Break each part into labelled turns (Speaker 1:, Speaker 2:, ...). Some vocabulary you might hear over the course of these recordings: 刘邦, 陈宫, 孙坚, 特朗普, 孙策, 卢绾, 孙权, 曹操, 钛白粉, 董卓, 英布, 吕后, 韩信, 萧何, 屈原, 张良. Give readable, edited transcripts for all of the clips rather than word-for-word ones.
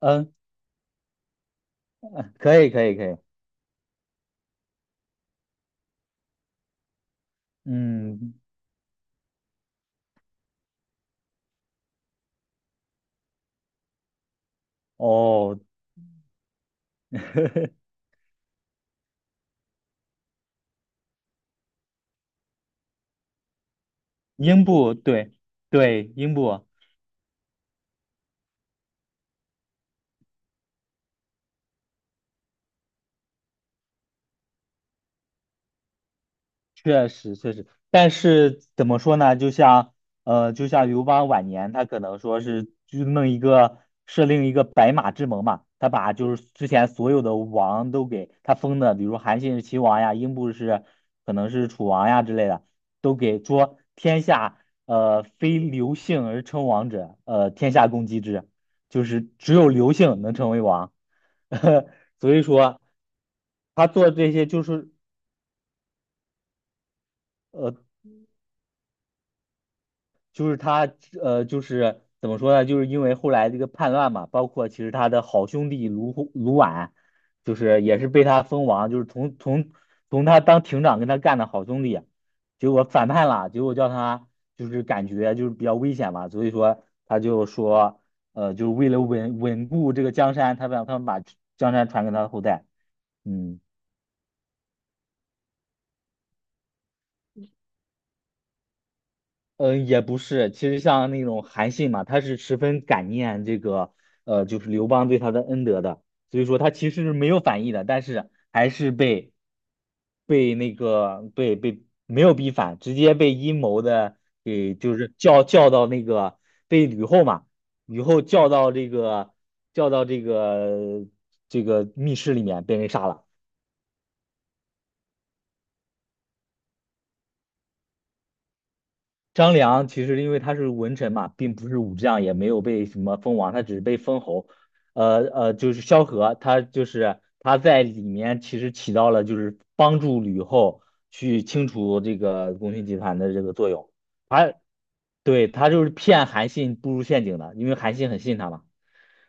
Speaker 1: 嗯，可以，可以，可以。嗯，哦，英布，对，对，英布，确实确实，但是怎么说呢？就像刘邦晚年，他可能说是就弄一个设定一个白马之盟嘛，他把就是之前所有的王都给他封的，比如韩信是秦王呀，英布是可能是楚王呀之类的，都给说天下非刘姓而称王者，天下共击之，就是只有刘姓能成为王。所以说他做这些就是呃就是他呃，就是怎么说呢？就是因为后来这个叛乱嘛，包括其实他的好兄弟卢虎卢绾，就是也是被他封王，就是从他当亭长跟他干的好兄弟，结果反叛了，结果叫他就是感觉就是比较危险嘛，所以说他就说就是为了稳固这个江山，他让他们把江山传给他的后代。嗯。嗯，也不是，其实像那种韩信嘛，他是十分感念这个，就是刘邦对他的恩德的，所以说他其实是没有反意的，但是还是被被那个被被没有逼反，直接被阴谋的给就是叫到那个被吕后嘛，吕后叫到这个密室里面被人杀了。张良其实因为他是文臣嘛，并不是武将，也没有被什么封王，他只是被封侯。就是萧何，他就是他在里面其实起到了就是帮助吕后去清除这个功勋集团的这个作用。他对，他就是骗韩信步入陷阱的，因为韩信很信他嘛。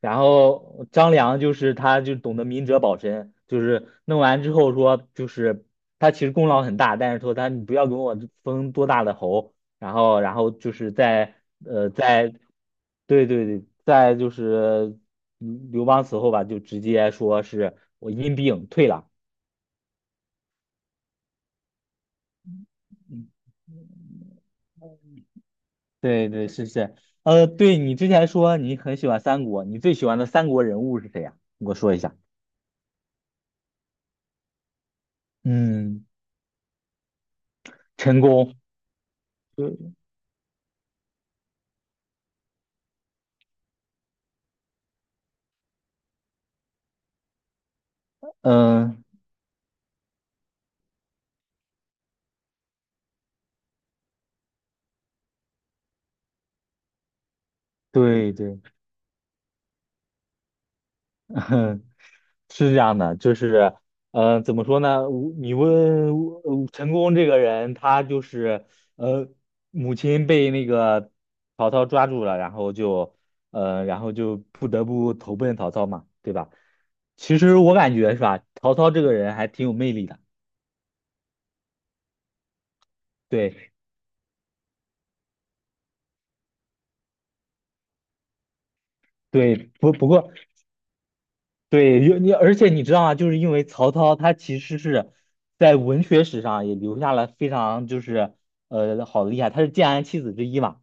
Speaker 1: 然后张良就是他就懂得明哲保身，就是弄完之后说就是他其实功劳很大，但是说他你不要给我封多大的侯，然后就是在对对对，在就是刘邦死后吧，就直接说是我因病退了。嗯，对对，是是，对你之前说你很喜欢三国，你最喜欢的三国人物是谁呀？你给我说一下。嗯，陈宫。嗯，对对，是这样的，就是，怎么说呢？你问陈宫这个人，他就是，呃，母亲被那个曹操抓住了，然后就，呃，然后就不得不投奔曹操嘛，对吧？其实我感觉是吧，曹操这个人还挺有魅力的，对对，不过对，因为而且你知道吗？就是因为曹操他其实是在文学史上也留下了非常就是好的厉害，他是建安七子之一嘛，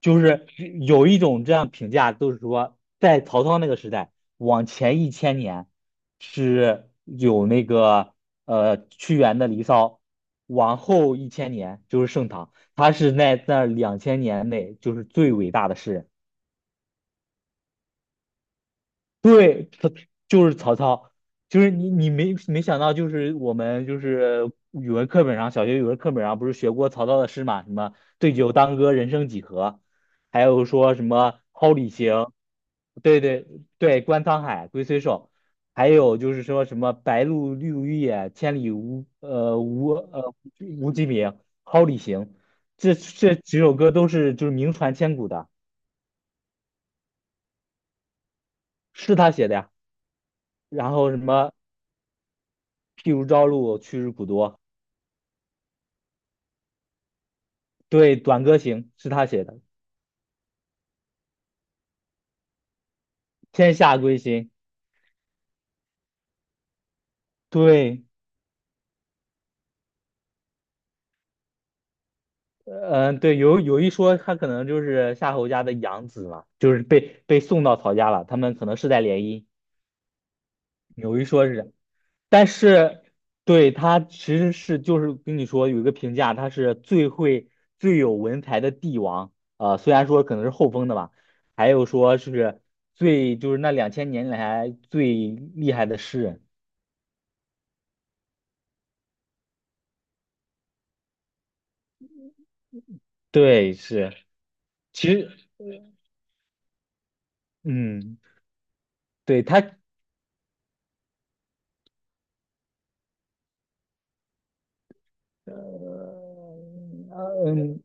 Speaker 1: 就是有一种这样评价，都是说在曹操那个时代往前一千年是有那个屈原的《离骚》，往后一千年就是盛唐，他是在那两千年内就是最伟大的诗人。对，他就是曹操，就是你没想到，就是我们就是语文课本上，小学语文课本上不是学过曹操的诗嘛？什么对酒当歌，人生几何，还有说什么蒿里行，对对对，观沧海，龟虽寿，还有就是说什么白鹭绿于野，千里无鸡鸣，蒿里行，这几首歌都是就是名传千古的，是他写的呀。然后什么？譬如朝露，去日苦多。对，《短歌行》是他写的，《天下归心》。对，嗯、对，有一说，他可能就是夏侯家的养子嘛，就是被送到曹家了，他们可能世代联姻，有一说是，但是对他其实是就是跟你说有一个评价，他是最有文采的帝王，虽然说可能是后封的吧，还有说是就是那两千年来最厉害的诗人。对，是，其实嗯，对他，呃，嗯，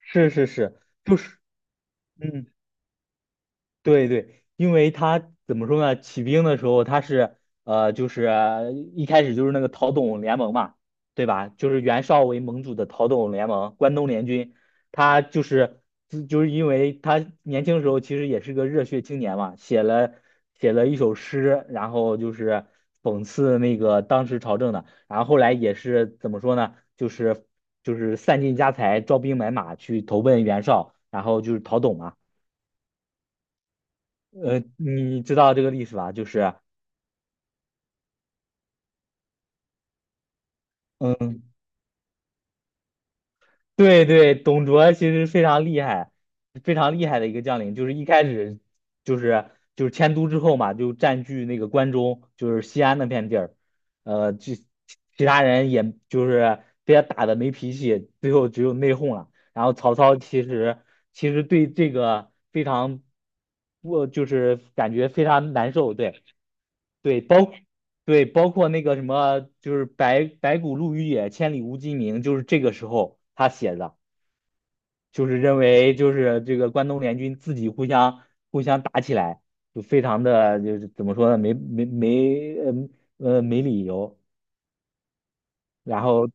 Speaker 1: 是是是，就是，嗯，对对，因为他怎么说呢？起兵的时候他是就是一开始就是那个陶董联盟嘛，对吧？就是袁绍为盟主的陶董联盟，关东联军。他就是就就是因为他年轻时候其实也是个热血青年嘛，写了一首诗，然后就是讽刺那个当时朝政的。然后后来也是怎么说呢？就是散尽家财，招兵买马去投奔袁绍，然后就是陶董嘛。你知道这个历史吧？就是，嗯，对对，董卓其实非常厉害，非常厉害的一个将领。就是一开始就是就是迁都之后嘛，就占据那个关中，就是西安那片地儿。就其他人也就是被他打的没脾气，最后只有内讧了。然后曹操其实对这个非常我就是感觉非常难受。对对，对，包括那个什么，就是白骨露于野，千里无鸡鸣，就是这个时候他写的，就是认为就是这个关东联军自己互相打起来，就非常的就是怎么说呢，没理由。然后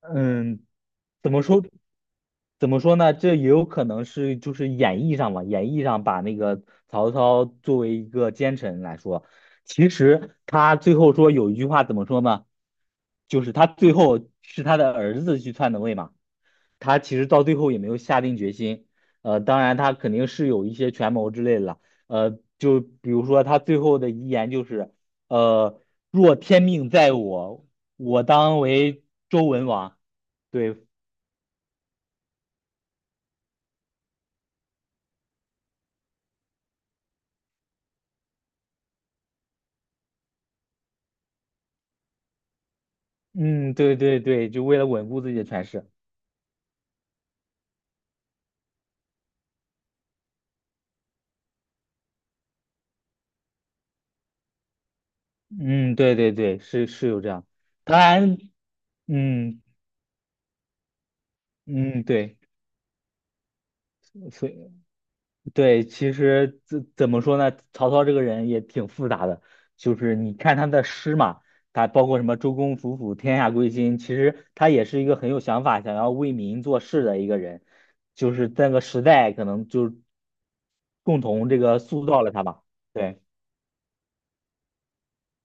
Speaker 1: 嗯，怎么说怎么说呢？这也有可能是就是演绎上吧，演绎上把那个曹操作为一个奸臣来说，其实他最后说有一句话怎么说呢？就是他最后是他的儿子去篡的位嘛，他其实到最后也没有下定决心，当然他肯定是有一些权谋之类的了，就比如说他最后的遗言就是，呃，若天命在我，我当为周文王。对，嗯，对对对，就为了稳固自己的权势。嗯，对对对，是是有这样，当然，嗯嗯，对，所以对，其实怎么说呢？曹操这个人也挺复杂的，就是你看他的诗嘛，他包括什么“周公吐哺，天下归心”，其实他也是一个很有想法、想要为民做事的一个人，就是那个时代可能就共同这个塑造了他吧。对，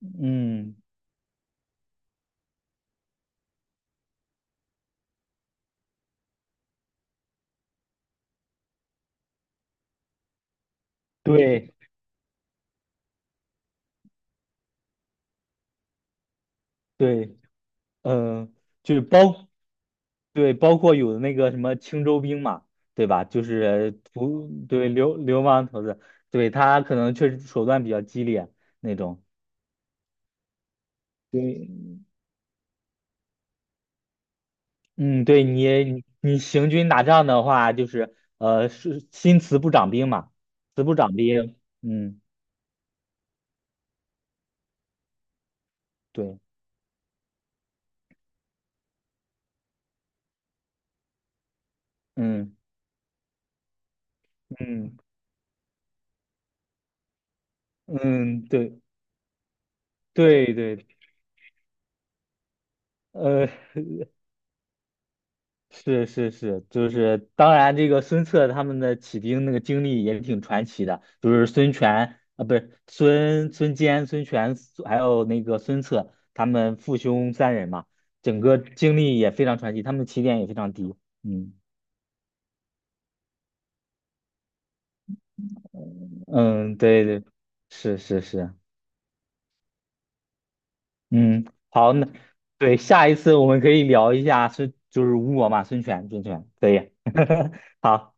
Speaker 1: 嗯，对对，嗯、就是包。对，包括有的那个什么青州兵嘛，对吧？就是不对流氓头子，对他可能确实手段比较激烈那种。对，嗯，对你行军打仗的话，就是是新词不长兵嘛，词不长兵。嗯，对，嗯嗯嗯，对对对，呃，是是是，就是当然，这个孙策他们的起兵那个经历也挺传奇的，就是孙权啊，不是孙坚、孙权，还有那个孙策，他们父兄三人嘛，整个经历也非常传奇，他们起点也非常低。嗯嗯，对对，是是是，嗯，好，那对下一次我们可以聊一下孙，就是吴国嘛，孙权，孙权可以。好。